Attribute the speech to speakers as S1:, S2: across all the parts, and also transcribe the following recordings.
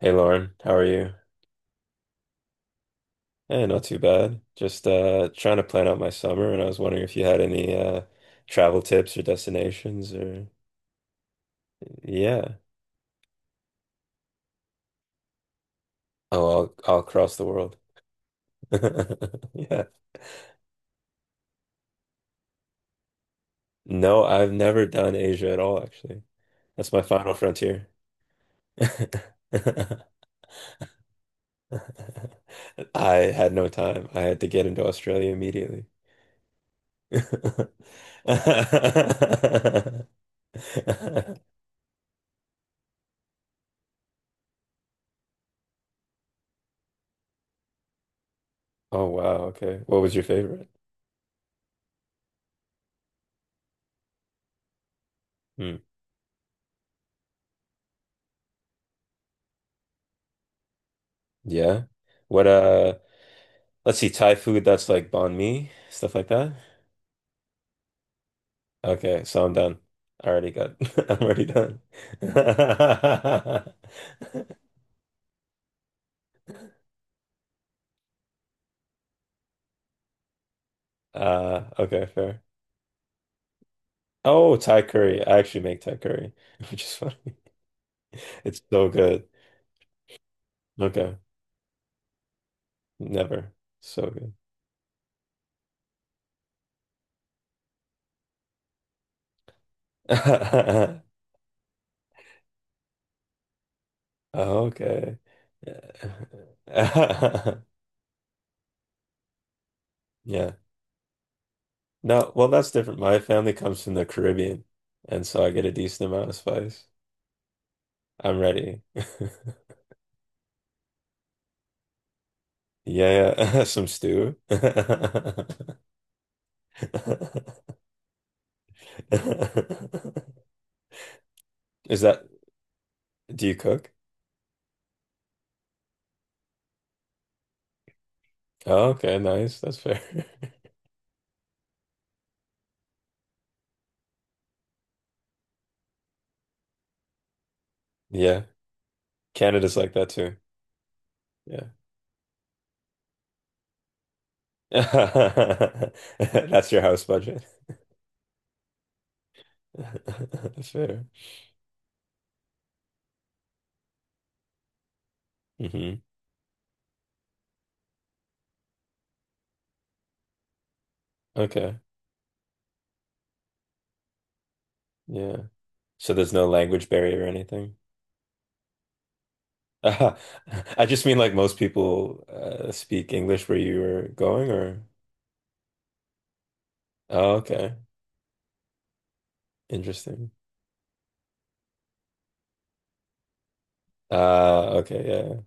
S1: Hey Lauren, how are you? Eh, not too bad. Just trying to plan out my summer and I was wondering if you had any travel tips or destinations or yeah. Oh, I'll cross the world. Yeah. No, I've never done Asia at all actually. That's my final frontier. I had no time. I had to get into Australia immediately. Oh wow, okay. What was your favorite? Hmm. Yeah. What let's see, Thai food, that's like banh mi, stuff like that. Okay, so I'm done. I already got I'm already done. Okay, fair. Oh, Thai curry. I actually make Thai curry, which is funny. It's so good. Okay. Never. So good. Okay. Yeah. Yeah. No, well, that's different. My family comes from the Caribbean, and so I get a decent amount of spice. I'm ready. Yeah, yeah. Some stew. Is that, do you cook? Oh, okay, nice. That's fair. Yeah. Canada's like that too. Yeah. That's your house budget. Fair. Hmm. Okay. Yeah. So there's no language barrier or anything? Ah, I just mean, like, most people speak English where you were going, or? Oh, okay. Interesting. Okay, yeah. Yeah.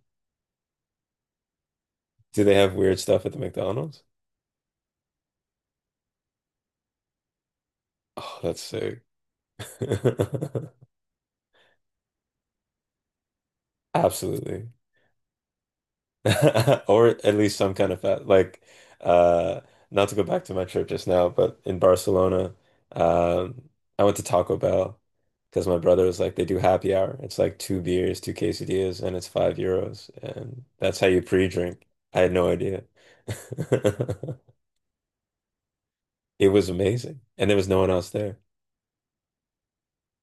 S1: Do they have weird stuff at the McDonald's? Oh, that's sick. Absolutely. Or at least some kind of fat. Like, uh, not to go back to my trip just now, but in Barcelona, um, I went to Taco Bell because my brother was like, they do happy hour. It's like two beers, two quesadillas, and it's €5. And that's how you pre-drink. I had no idea. It was amazing. And there was no one else there.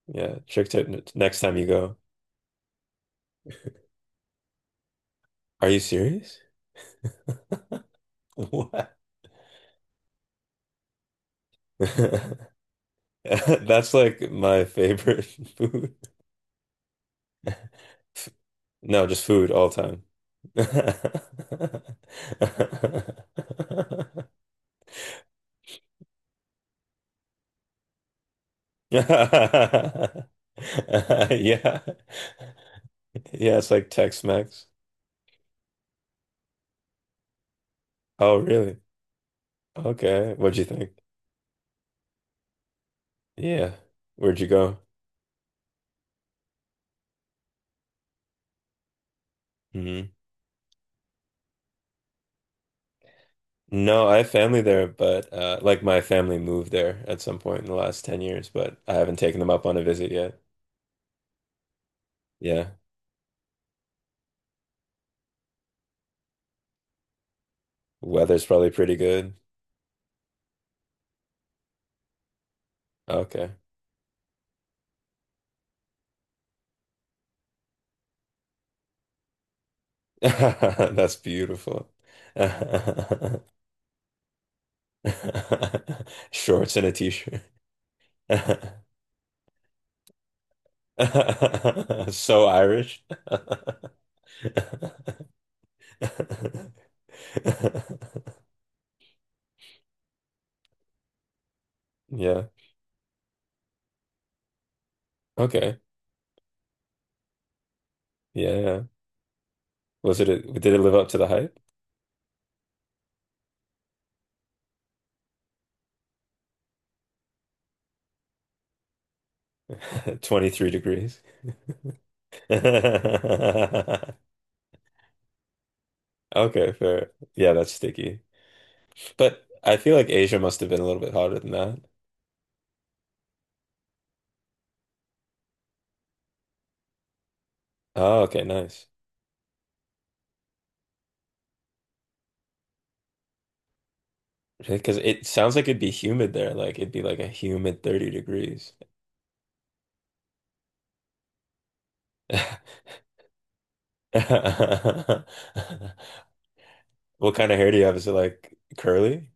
S1: Yeah. Trick tip next time you go. Are you serious? What? That's like my favorite food. No, just food all time. Yeah. Yeah, it's like Tex-Mex. Oh, really? Okay. What'd you think? Yeah. Where'd you go? Hmm. No, I have family there, but like, my family moved there at some point in the last 10 years, but I haven't taken them up on a visit yet. Yeah. Weather's probably pretty good. Okay. That's beautiful. Shorts and a t-shirt. So Irish. Yeah. Okay. Yeah, yeah. Was it a, did it live up to the hype? 23 degrees. Okay, fair. Yeah, that's sticky. But I feel like Asia must have been a little bit hotter than that. Oh, okay, nice. Because it sounds like it'd be humid there. Like, it'd be like a humid 30 degrees. What kind of hair do you have? Is it like curly?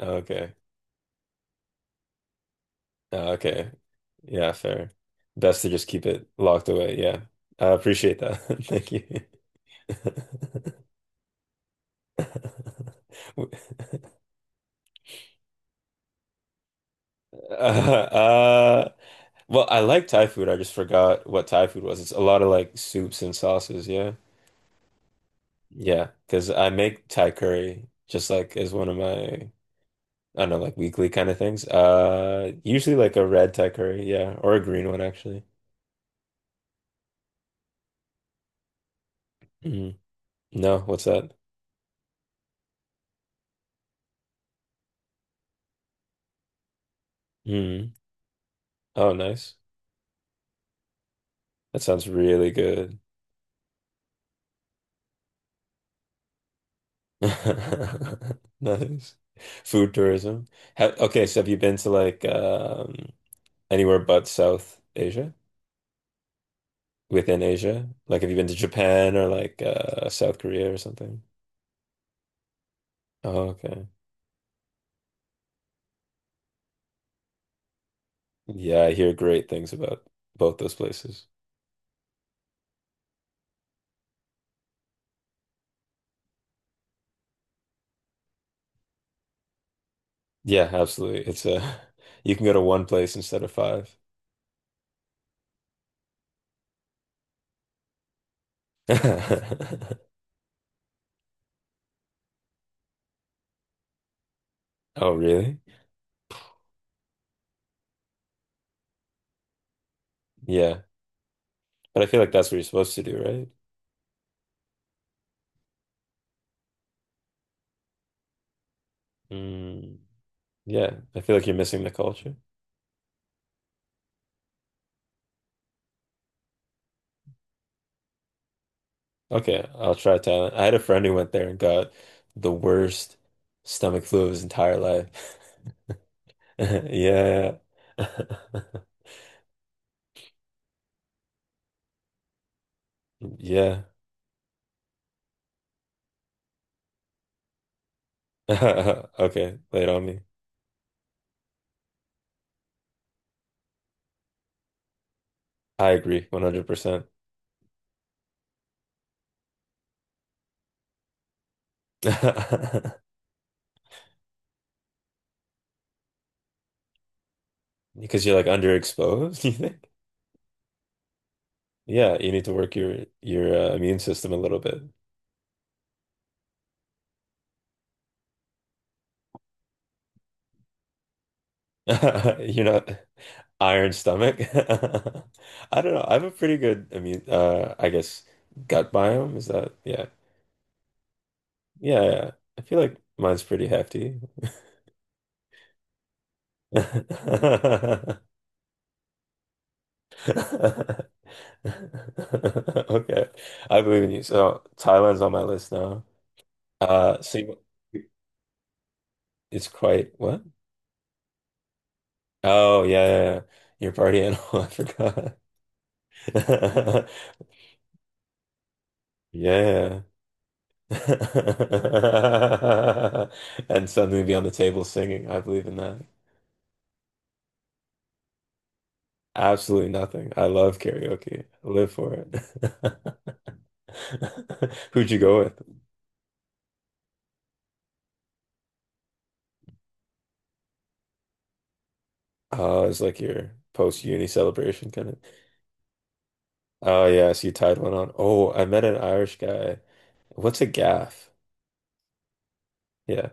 S1: Oh, okay. Oh, okay. Yeah, fair. Best to just keep it locked away. Yeah. I appreciate that. Thank you. Uh, uh, well, I like Thai food. I just forgot what Thai food was. It's a lot of like soups and sauces. Yeah. Yeah. Because I make Thai curry just like as one of my, I don't know, like weekly kind of things. Usually like a red Thai curry, yeah, or a green one actually. Mm. No, what's that? Mm. Oh, nice. That sounds really good. Nice. Food tourism. Ha, okay, so have you been to like, anywhere but South Asia? Within Asia? Like, have you been to Japan or like, South Korea or something? Oh, okay. Yeah, I hear great things about both those places. Yeah, absolutely. It's a you can go to one place instead of five. Oh, really? Yeah. But I feel like that's what you're supposed to do, right? Mm, yeah. I feel like you're missing the culture. Okay, I'll try Thailand. I had a friend who went there and got the worst stomach flu of his entire life. Yeah. Yeah. Okay, lay it on me. I agree 100%. Because you're like underexposed, you think? Yeah, you need to work your immune system a little bit. You're not iron stomach. I don't know. I have a pretty good immune I guess gut biome, is that, yeah. Yeah, yeah. I feel like mine's pretty hefty. Okay. I believe in you. So Thailand's on my list now. So you- it's quite what? Oh yeah, yeah, yeah. Your party animal, I forgot. Yeah. Yeah. And suddenly be on the table singing. I believe in that. Absolutely nothing. I love karaoke. I live for it. Who'd you go with? It's like your post-uni celebration kind of. Oh yeah, so you tied one on. Oh, I met an Irish guy. What's a gaff? Yeah.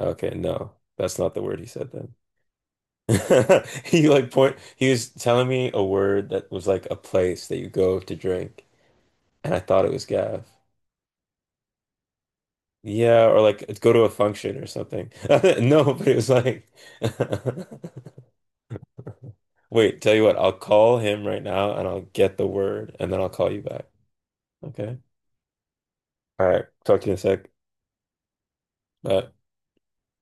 S1: Okay, no. That's not the word he said then. He like point he was telling me a word that was like a place that you go to drink, and I thought it was gaff. Yeah, or like go to a function or something. No, but it was like, wait, tell you what, I'll call him right now and I'll get the word and then I'll call you back. Okay. All right. Talk to you in a sec. Bye.